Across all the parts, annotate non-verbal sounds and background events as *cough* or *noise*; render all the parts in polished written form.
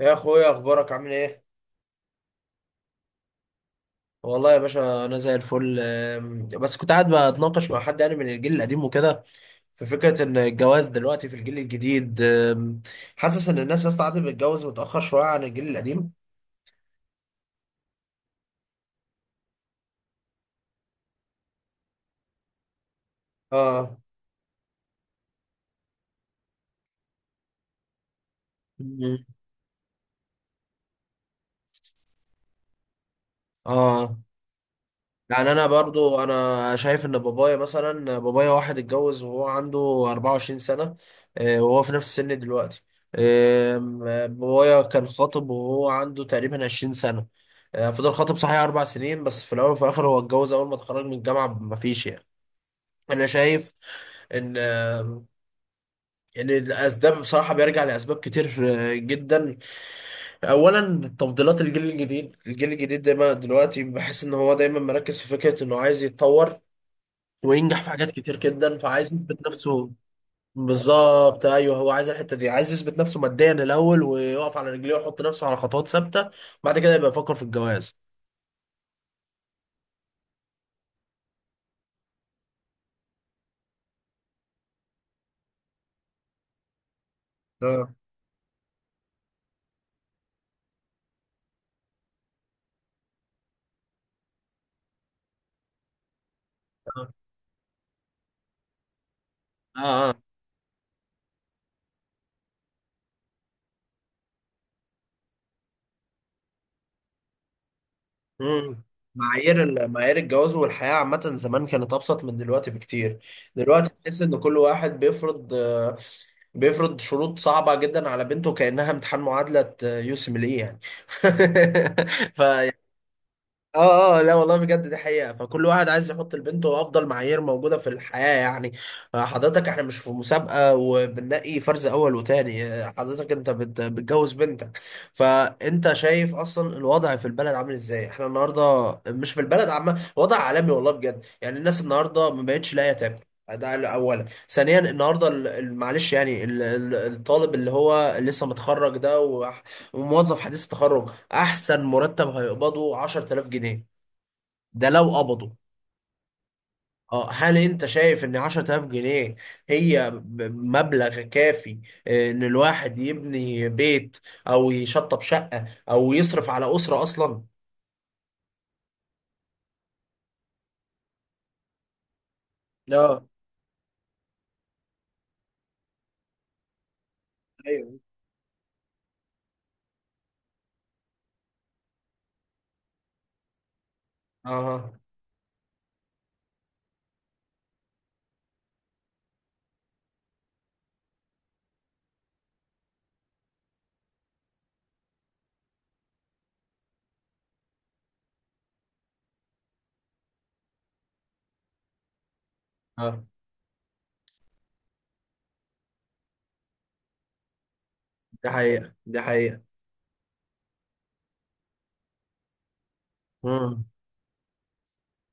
يا اخويا، اخبارك عامل ايه؟ والله يا باشا انا زي الفل، بس كنت قاعد بتناقش مع حد يعني من الجيل القديم وكده، في فكره ان الجواز دلوقتي في الجيل الجديد. حاسس ان الناس يا اسطى قاعده بتتجوز متاخر شويه عن الجيل القديم. اه. مم. اه. يعني انا برضو انا شايف ان بابايا مثلا، واحد اتجوز وهو عنده 24 سنة. وهو في نفس السن دلوقتي. آم، آه، بابايا كان خاطب وهو عنده تقريبا 20 سنة. فضل خاطب صحيح 4 سنين، بس في الاول وفي الاخر هو اتجوز اول ما اتخرج من الجامعة، مفيش يعني. انا شايف ان آه، ان الاسباب بصراحه بيرجع لاسباب كتير جدا. اولا، تفضيلات الجيل الجديد، الجيل الجديد دايما دلوقتي بحس ان هو دايما مركز في فكره انه عايز يتطور وينجح في حاجات كتير جدا، فعايز يثبت نفسه. بالظبط، ايوه، هو عايز الحته دي، عايز يثبت نفسه ماديا الاول ويقف على رجليه ويحط نفسه على خطوات ثابته، بعد كده يبقى يفكر في الجواز. اه. اه. اه. آه. مم. معايير معايير الجواز والحياة عامة زمان كانت أبسط من دلوقتي بكتير. دلوقتي تحس إن كل واحد بيفرض، بيفرض شروط صعبة جدا على بنته كأنها امتحان معادلة يوسم ليه يعني. *laughs* ف اه، اه، لا والله بجد، دي حقيقة، فكل واحد عايز يحط لبنته افضل معايير موجودة في الحياة يعني. حضرتك، احنا مش في مسابقة وبنلاقي فرز اول وتاني. حضرتك انت بتجوز بنتك، فانت شايف اصلا الوضع في البلد عامل ازاي. احنا النهاردة مش في البلد، عامة وضع عالمي، والله بجد يعني الناس النهاردة ما بقتش لاقية تاكل. ده اولا. ثانيا، النهارده معلش يعني الطالب اللي هو لسه متخرج ده وموظف حديث التخرج، احسن مرتب هيقبضه 10000 جنيه، ده لو قبضوا. اه، هل انت شايف ان 10000 جنيه هي مبلغ كافي ان الواحد يبني بيت او يشطب شقة او يصرف على أسرة اصلا؟ اه. ايوه. اه. اه. دي حقيقة، دي حقيقة. مم.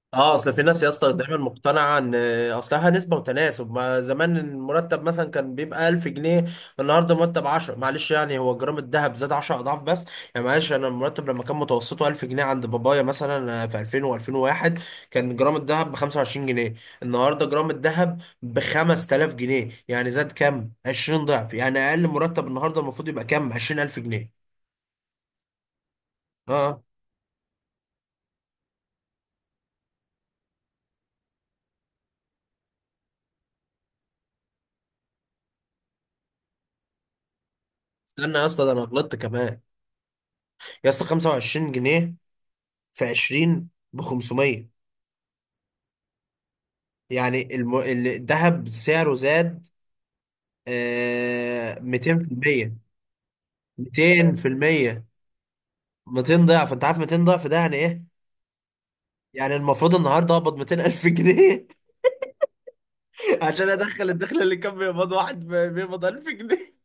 اه، اصل في ناس يا اسطى دايما مقتنعه ان اصلها نسبه وتناسب. ما زمان المرتب مثلا كان بيبقى 1000 جنيه، النهارده مرتب 10، معلش يعني هو جرام الذهب زاد 10 اضعاف بس. يعني معلش، انا المرتب لما كان متوسطه 1000 جنيه عند بابايا مثلا في 2000 و2001، كان جرام الذهب ب 25 جنيه، النهارده جرام الذهب ب 5000 جنيه، يعني زاد كام؟ 20 ضعف. يعني اقل مرتب النهارده المفروض يبقى كام؟ 20000 جنيه. اه، استنى يا اسطى، ده انا غلطت كمان. يا اسطى 25 جنيه في 20 ب 500، يعني الذهب سعره زاد آه 200%. 200%، 200 ضعف. انت عارف 200 ضعف ده يعني ايه؟ يعني المفروض النهارده اقبض 200000 جنيه *laughs* عشان ادخل الدخل اللي كان بيقبض واحد بيقبض 1000 جنيه.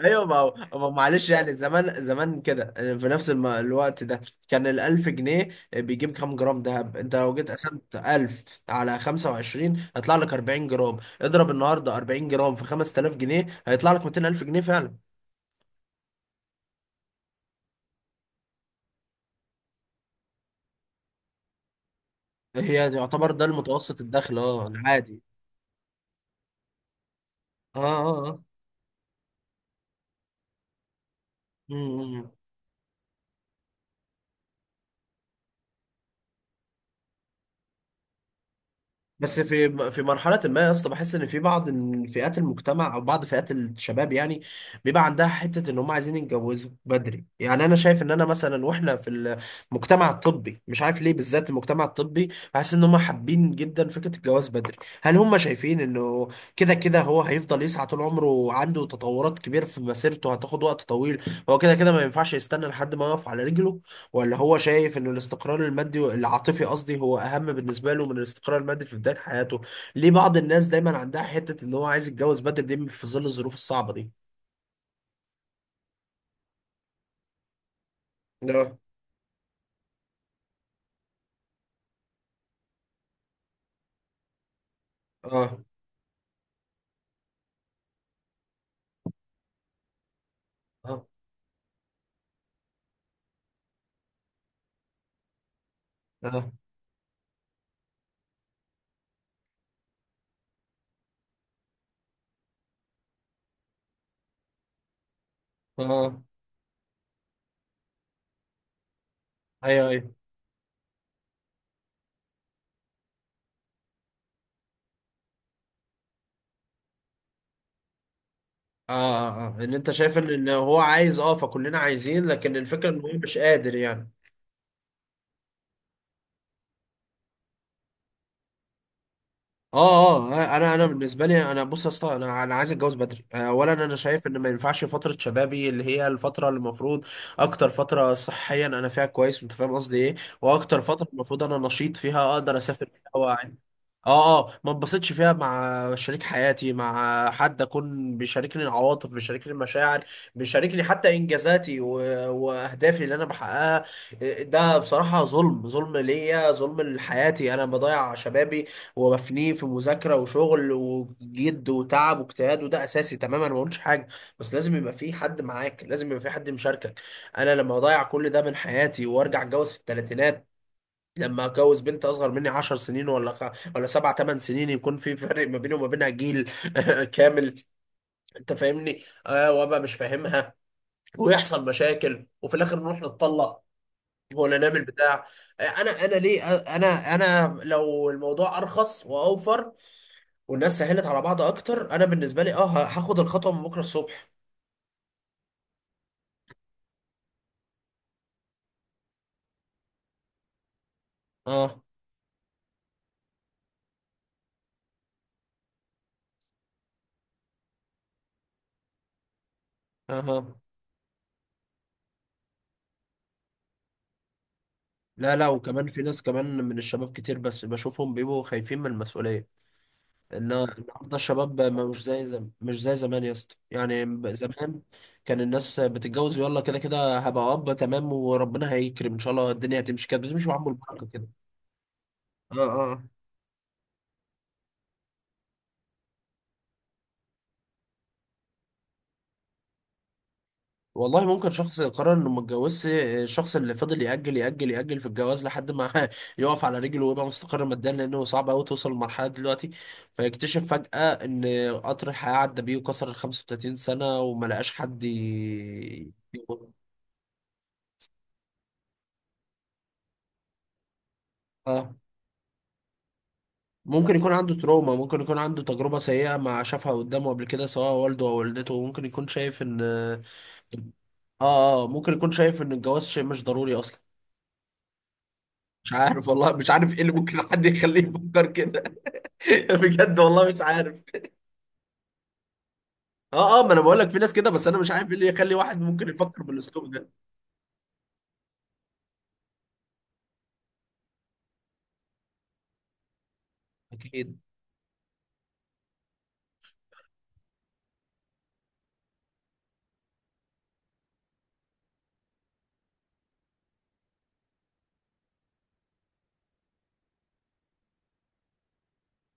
ايوه، ما هو معلش يعني، زمان زمان كده في نفس الوقت ده كان الألف جنيه بيجيب كام جرام دهب؟ انت لو جيت قسمت 1000 على 25 هيطلع لك 40 جرام، اضرب النهارده 40 جرام في 5000 جنيه هيطلع لك 200 ألف جنيه فعلا. هي يعتبر ده المتوسط الدخل، اه، العادي. اه. اه. اه. مم. مم. بس في في مرحلة ما يا اسطى، بحس ان في بعض فئات المجتمع او بعض فئات الشباب يعني بيبقى عندها حتة ان هم عايزين يتجوزوا بدري. يعني انا شايف ان انا مثلا واحنا في المجتمع الطبي، مش عارف ليه بالذات المجتمع الطبي، بحس ان هم حابين جدا فكرة الجواز بدري. هل هم شايفين انه كده كده هو هيفضل يسعى طول عمره، عنده تطورات كبيرة في مسيرته هتاخد وقت طويل، هو كده كده ما ينفعش يستنى لحد ما يقف على رجله؟ ولا هو شايف ان الاستقرار المادي، العاطفي قصدي، هو اهم بالنسبه له من الاستقرار المادي في بدايه حياته؟ ليه بعض الناس دايما عندها حته ان هو عايز يتجوز بدري دي في ظل الظروف الصعبه دي؟ اه. اه. اه. اه. اه. ايوه، ايوه. اه، اه، اه، ان انت شايف ان إن هو عايز، اه فكلنا عايزين لكن الفكره ان هو مش قادر يعني. اه. اه، انا، انا بالنسبه لي، انا بص يا اسطى، انا، انا عايز اتجوز بدري. اولا انا شايف ان ما ينفعش فتره شبابي اللي هي الفتره اللي المفروض اكتر فتره صحيا انا فيها كويس، انت فاهم قصدي ايه، واكتر فتره المفروض انا نشيط فيها اقدر اسافر فيها واعي، اه، اه ما انبسطش فيها مع شريك حياتي، مع حد اكون بيشاركني العواطف، بيشاركني المشاعر، بيشاركني حتى انجازاتي و... واهدافي اللي انا بحققها. ده بصراحه ظلم، ظلم ليا، ظلم لحياتي. انا بضيع شبابي ومفنيه في مذاكرة وشغل وجد وتعب واجتهاد، وده أساسي تماما، ما بقولش حاجة، بس لازم يبقى في حد معاك، لازم يبقى في حد مشاركك. أنا لما أضيع كل ده من حياتي وأرجع أتجوز في الثلاثينات، لما أتجوز بنت أصغر مني 10 سنين، ولا 7 8 سنين، يكون في فرق ما بيني وما بينها جيل *laughs* كامل. أنت فاهمني؟ آه، وأبقى مش فاهمها، ويحصل مشاكل، وفي الآخر نروح نتطلق ولا نعمل بتاع. انا، انا ليه، انا، انا لو الموضوع ارخص واوفر والناس سهلت على بعض اكتر، انا بالنسبه لي اه هاخد الخطوه من بكره الصبح. اه. اها. لا، لا، وكمان في ناس كمان من الشباب كتير بس بشوفهم بيبقوا خايفين من المسؤولية، ان النهارده الشباب ما مش زي زم... مش زي زمان يا اسطى، يعني زمان كان الناس بتتجوز يلا كده كده، هبقى اب تمام وربنا هيكرم ان شاء الله، الدنيا هتمشي كده، بس مش بعمل البركة كده. اه. والله ممكن شخص قرر انه ما اتجوزش، الشخص اللي فضل يأجل يأجل يأجل في الجواز لحد ما *laughs* يقف على رجله ويبقى مستقر ماديا، لانه صعب قوي توصل للمرحله دلوقتي، فيكتشف فجأة ان قطر الحياه عدى بيه وكسر ال 35 سنه وما لقاش حد ي... اه، ممكن يكون عنده تروما، ممكن يكون عنده تجربه سيئه ما شافها قدامه قبل كده سواء والده او والدته، ممكن يكون شايف ان اه، اه، ممكن يكون شايف ان الجواز شيء مش ضروري اصلا. مش عارف والله، مش عارف ايه اللي ممكن حد يخليه يفكر كده. *laughs* بجد والله مش عارف. اه، اه، ما انا بقول لك في ناس كده، بس انا مش عارف ايه اللي يخلي واحد ممكن يفكر بالاسلوب ده. اكيد.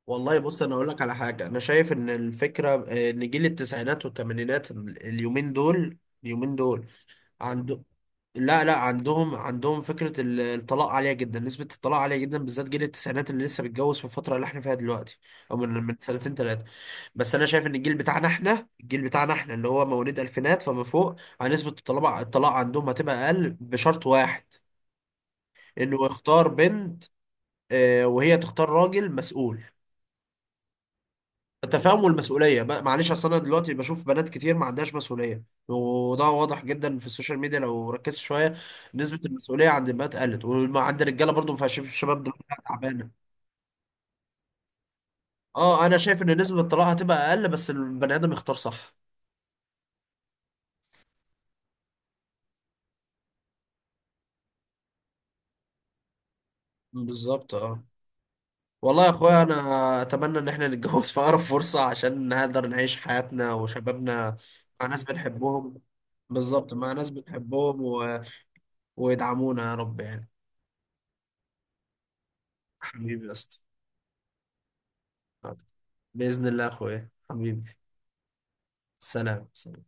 والله بص انا اقول لك على حاجه. انا شايف ان الفكره ان جيل التسعينات والثمانينات اليومين دول، اليومين دول عنده، لا لا، عندهم، عندهم فكرة الطلاق عالية جدا، نسبة الطلاق عالية جدا بالذات جيل التسعينات اللي لسه بيتجوز في الفترة اللي احنا فيها دلوقتي او من من سنتين ثلاثة. بس انا شايف ان الجيل بتاعنا احنا، الجيل بتاعنا احنا اللي هو مواليد الفينات فما فوق، عن نسبة الطلاق، الطلاق عندهم هتبقى اقل بشرط واحد، انه يختار بنت، وهي تختار راجل مسؤول. التفاهم والمسؤوليه، معلش، اصل انا دلوقتي بشوف بنات كتير ما عندهاش مسؤوليه، وده واضح جدا في السوشيال ميديا لو ركزت شويه. نسبه المسؤوليه عند البنات قلت، وعند الرجاله برضو ما فيهاش، الشباب دلوقتي تعبانه. اه، انا شايف ان نسبه الطلاق هتبقى اقل بس البني ادم يختار صح. بالظبط. اه والله يا اخويا، انا اتمنى ان احنا نتجوز في اقرب فرصه عشان نقدر نعيش حياتنا وشبابنا مع ناس بنحبهم. بالظبط، مع ناس بنحبهم و... ويدعمونا يا رب يعني. حبيبي يا اسطى. بإذن الله يا أخويا حبيبي. سلام، سلام.